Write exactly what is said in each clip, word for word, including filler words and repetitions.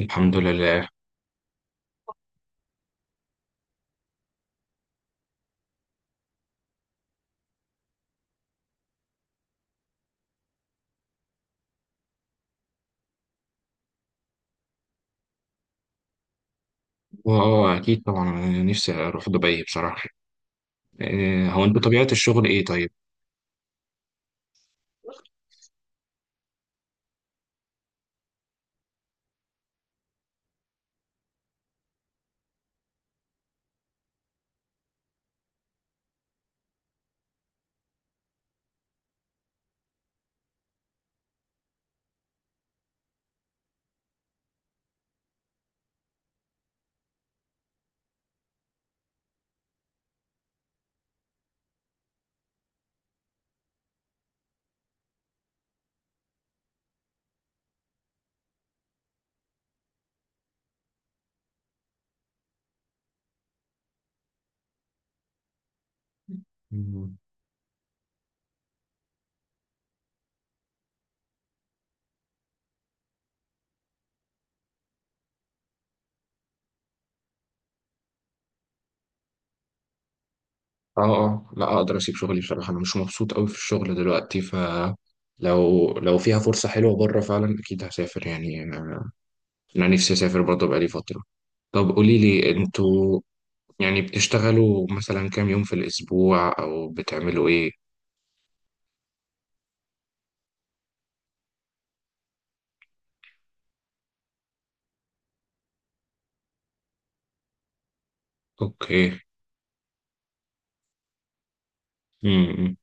الحمد لله. اه آه، اكيد طبعا انا نفسي اروح دبي بصراحه. إيه، هو انت بطبيعه الشغل ايه طيب؟ مم. اه اه لا اقدر اسيب شغلي بصراحه، انا مش مبسوط قوي في الشغل دلوقتي، ف لو لو فيها فرصه حلوه بره فعلا، اكيد هسافر، يعني انا أنا نفسي اسافر برضه بقالي فتره. طب قولي لي انتوا يعني بتشتغلوا مثلا كام يوم في الاسبوع او بتعملوا ايه؟ اوكي. امم.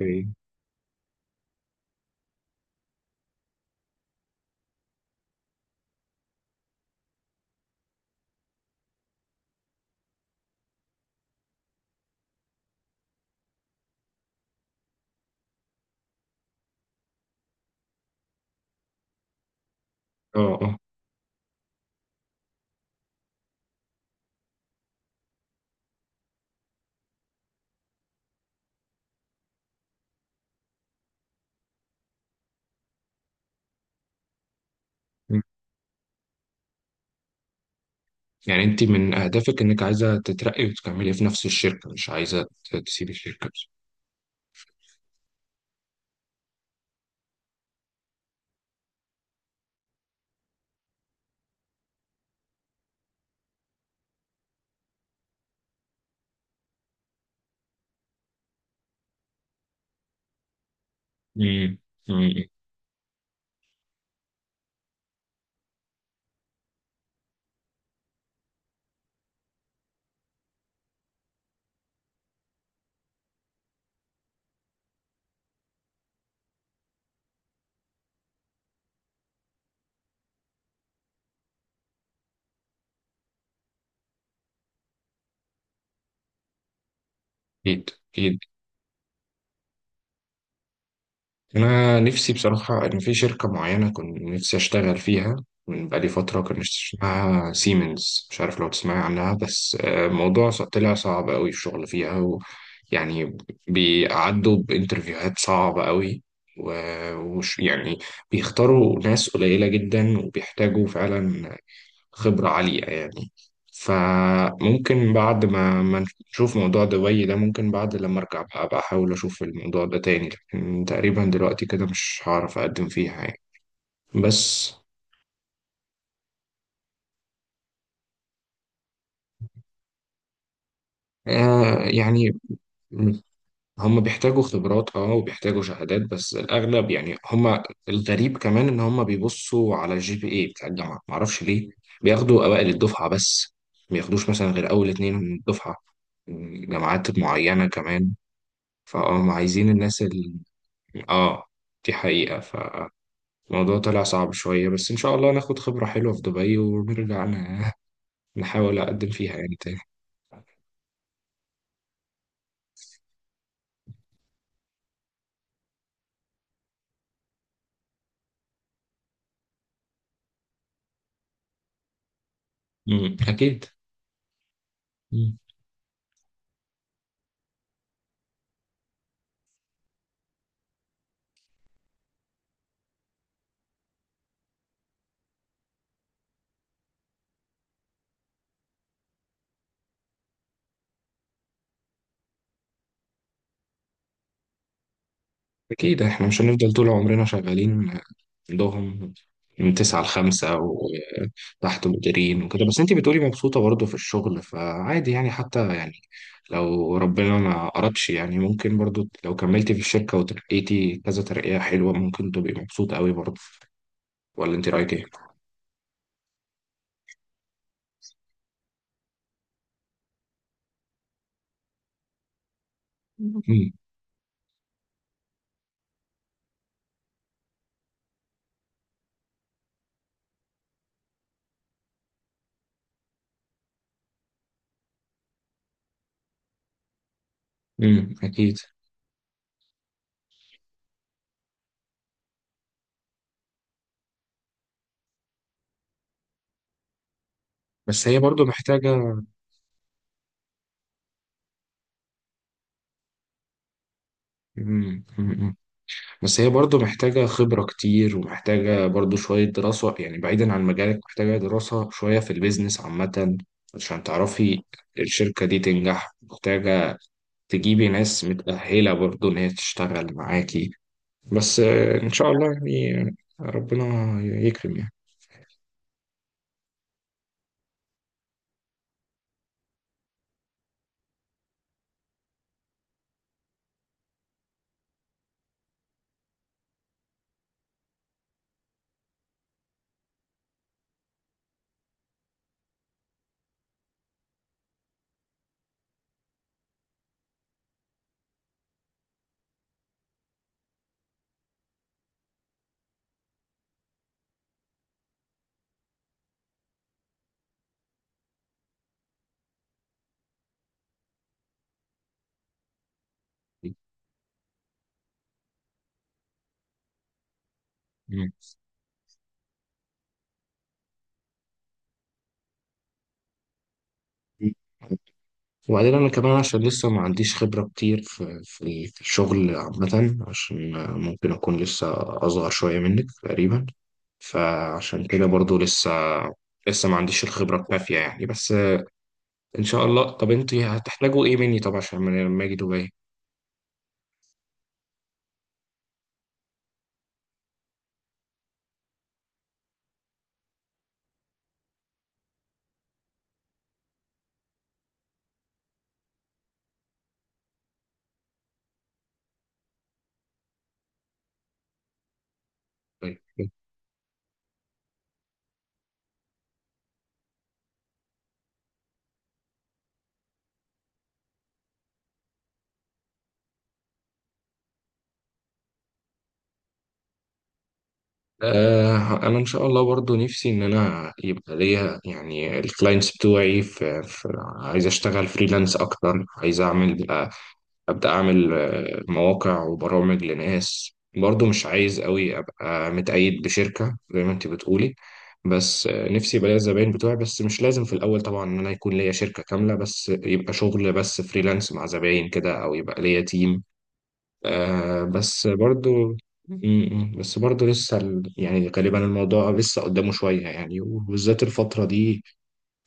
اوكي. اه، اه، يعني انت من اهدافك انك عايزه تترقي وتكملي في نفس الشركه، مش عايزه ت- تسيبي الشركه بس؟ امم، امم. اكيد، اكيد. انا نفسي بصراحه ان في شركه معينه كنت نفسي اشتغل فيها من بقالي فتره، كان اسمها سيمنز، مش عارف لو تسمعي عنها، بس آه، الموضوع ص- طلع صعب قوي الشغل فيها، و يعني بيعدوا بانترفيوهات صعبه قوي، و- وش يعني بيختاروا ناس قليله جدا، وبيحتاجوا فعلا خبرة عالية يعني. فممكن بعد ما ما نشوف موضوع دبي ده، ممكن بعد لما أرجع بقى أبقى أحاول أشوف الموضوع ده تاني، لكن تقريبا دلوقتي كده مش هعرف أقدم فيها يعني. بس آه يعني هم بيحتاجوا خبرات اه وبيحتاجوا شهادات، بس الأغلب يعني هم. الغريب كمان إن هم بيبصوا على الجي بي إيه بتاع الجامعة، معرفش ليه. بياخدوا أوائل الدفعة بس، ما بياخدوش مثلا غير أول اتنين من الدفعة، جامعات معينة كمان. فاه ما عايزين الناس ال... اه، دي حقيقة، فالموضوع طلع صعب شوية، بس إن شاء الله ناخد خبرة حلوة في دبي ونرجع ن- نحاول أقدم فيها يعني تاني. مم، أكيد. مم. أكيد إحنا مش هنفضل طول عمرنا شغالين عندهم من تسعة لخمسة وتحت مديرين وكده، بس أنتي بتقولي مبسوطة برضه في الشغل، فعادي يعني حتى يعني، لو ربنا ما أردش يعني، ممكن برضه لو كملتي في الشركة وترقيتي كذا ترقية حلوة، ممكن تبقي مبسوطة قوي برضه. ولا انت رايك ايه؟ مم. مم. اكيد. بس هي برضو محتاجة. مم. مم. بس هي برضو محتاجة خبرة كتير، ومحتاجة برضو شوية دراسة يعني، بعيدا عن مجالك محتاجة دراسة شوية في البيزنس عامة، عشان تعرفي الشركة دي تنجح، محتاجة تجيبي ناس متأهلة برضو إن هي تشتغل معاكي. بس آه، إن شاء الله يعني. آه، ربنا يكرم يعني. مم. وبعدين انا كمان عشان لسه ما عنديش خبرة كتير في في في الشغل عامة، عشان ممكن اكون لسه اصغر شوية منك تقريبا، فعشان كده برضو لسه لسه ما عنديش الخبرة الكافية يعني. بس ان شاء الله. طب انت هتحتاجوا ايه مني، طب عشان لما لما اجي دبي؟ طيب. آه انا ان شاء الله برضو نفسي ان انا يبقى ليا، يعني الكلاينتس بتوعي في, في عايز اشتغل فريلانس اكتر، عايز اعمل آه، أبدأ أعمل آه، مواقع وبرامج لناس برضو. مش عايز قوي أبقى متقيد بشركة زي ما أنت بتقولي. بس آه، نفسي يبقى ليا الزباين بتوعي، بس مش لازم في الأول طبعا إن أنا يكون ليا شركة كاملة، بس يبقى شغل بس فريلانس مع زباين كده، أو يبقى ليا تيم. آه بس برضو م- م- بس برضو لسه ال- يعني غالبا الموضوع لسه قدامه شوية يعني، وبالذات الفترة دي.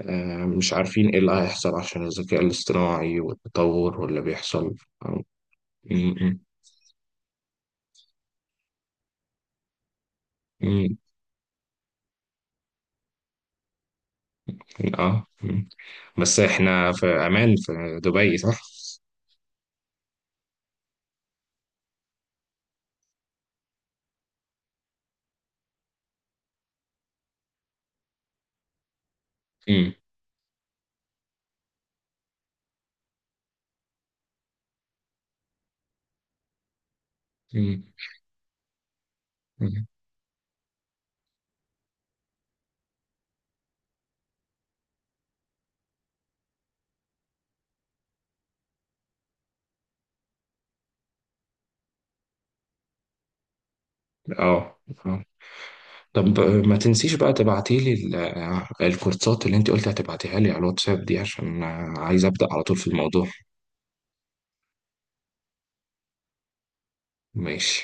آه مش عارفين إيه اللي هيحصل عشان الذكاء الاصطناعي والتطور واللي بيحصل. م- مم. اه. مم. بس احنا في عمان في دبي صح؟ مم. مم. مم. اه، اه. طب آه، ما تنسيش بقى تبعتي لي ال- آه، الكورسات اللي انت قلت هتبعتيها لي على الواتساب دي، عشان آه، عايز ابدا على طول في الموضوع. ماشي.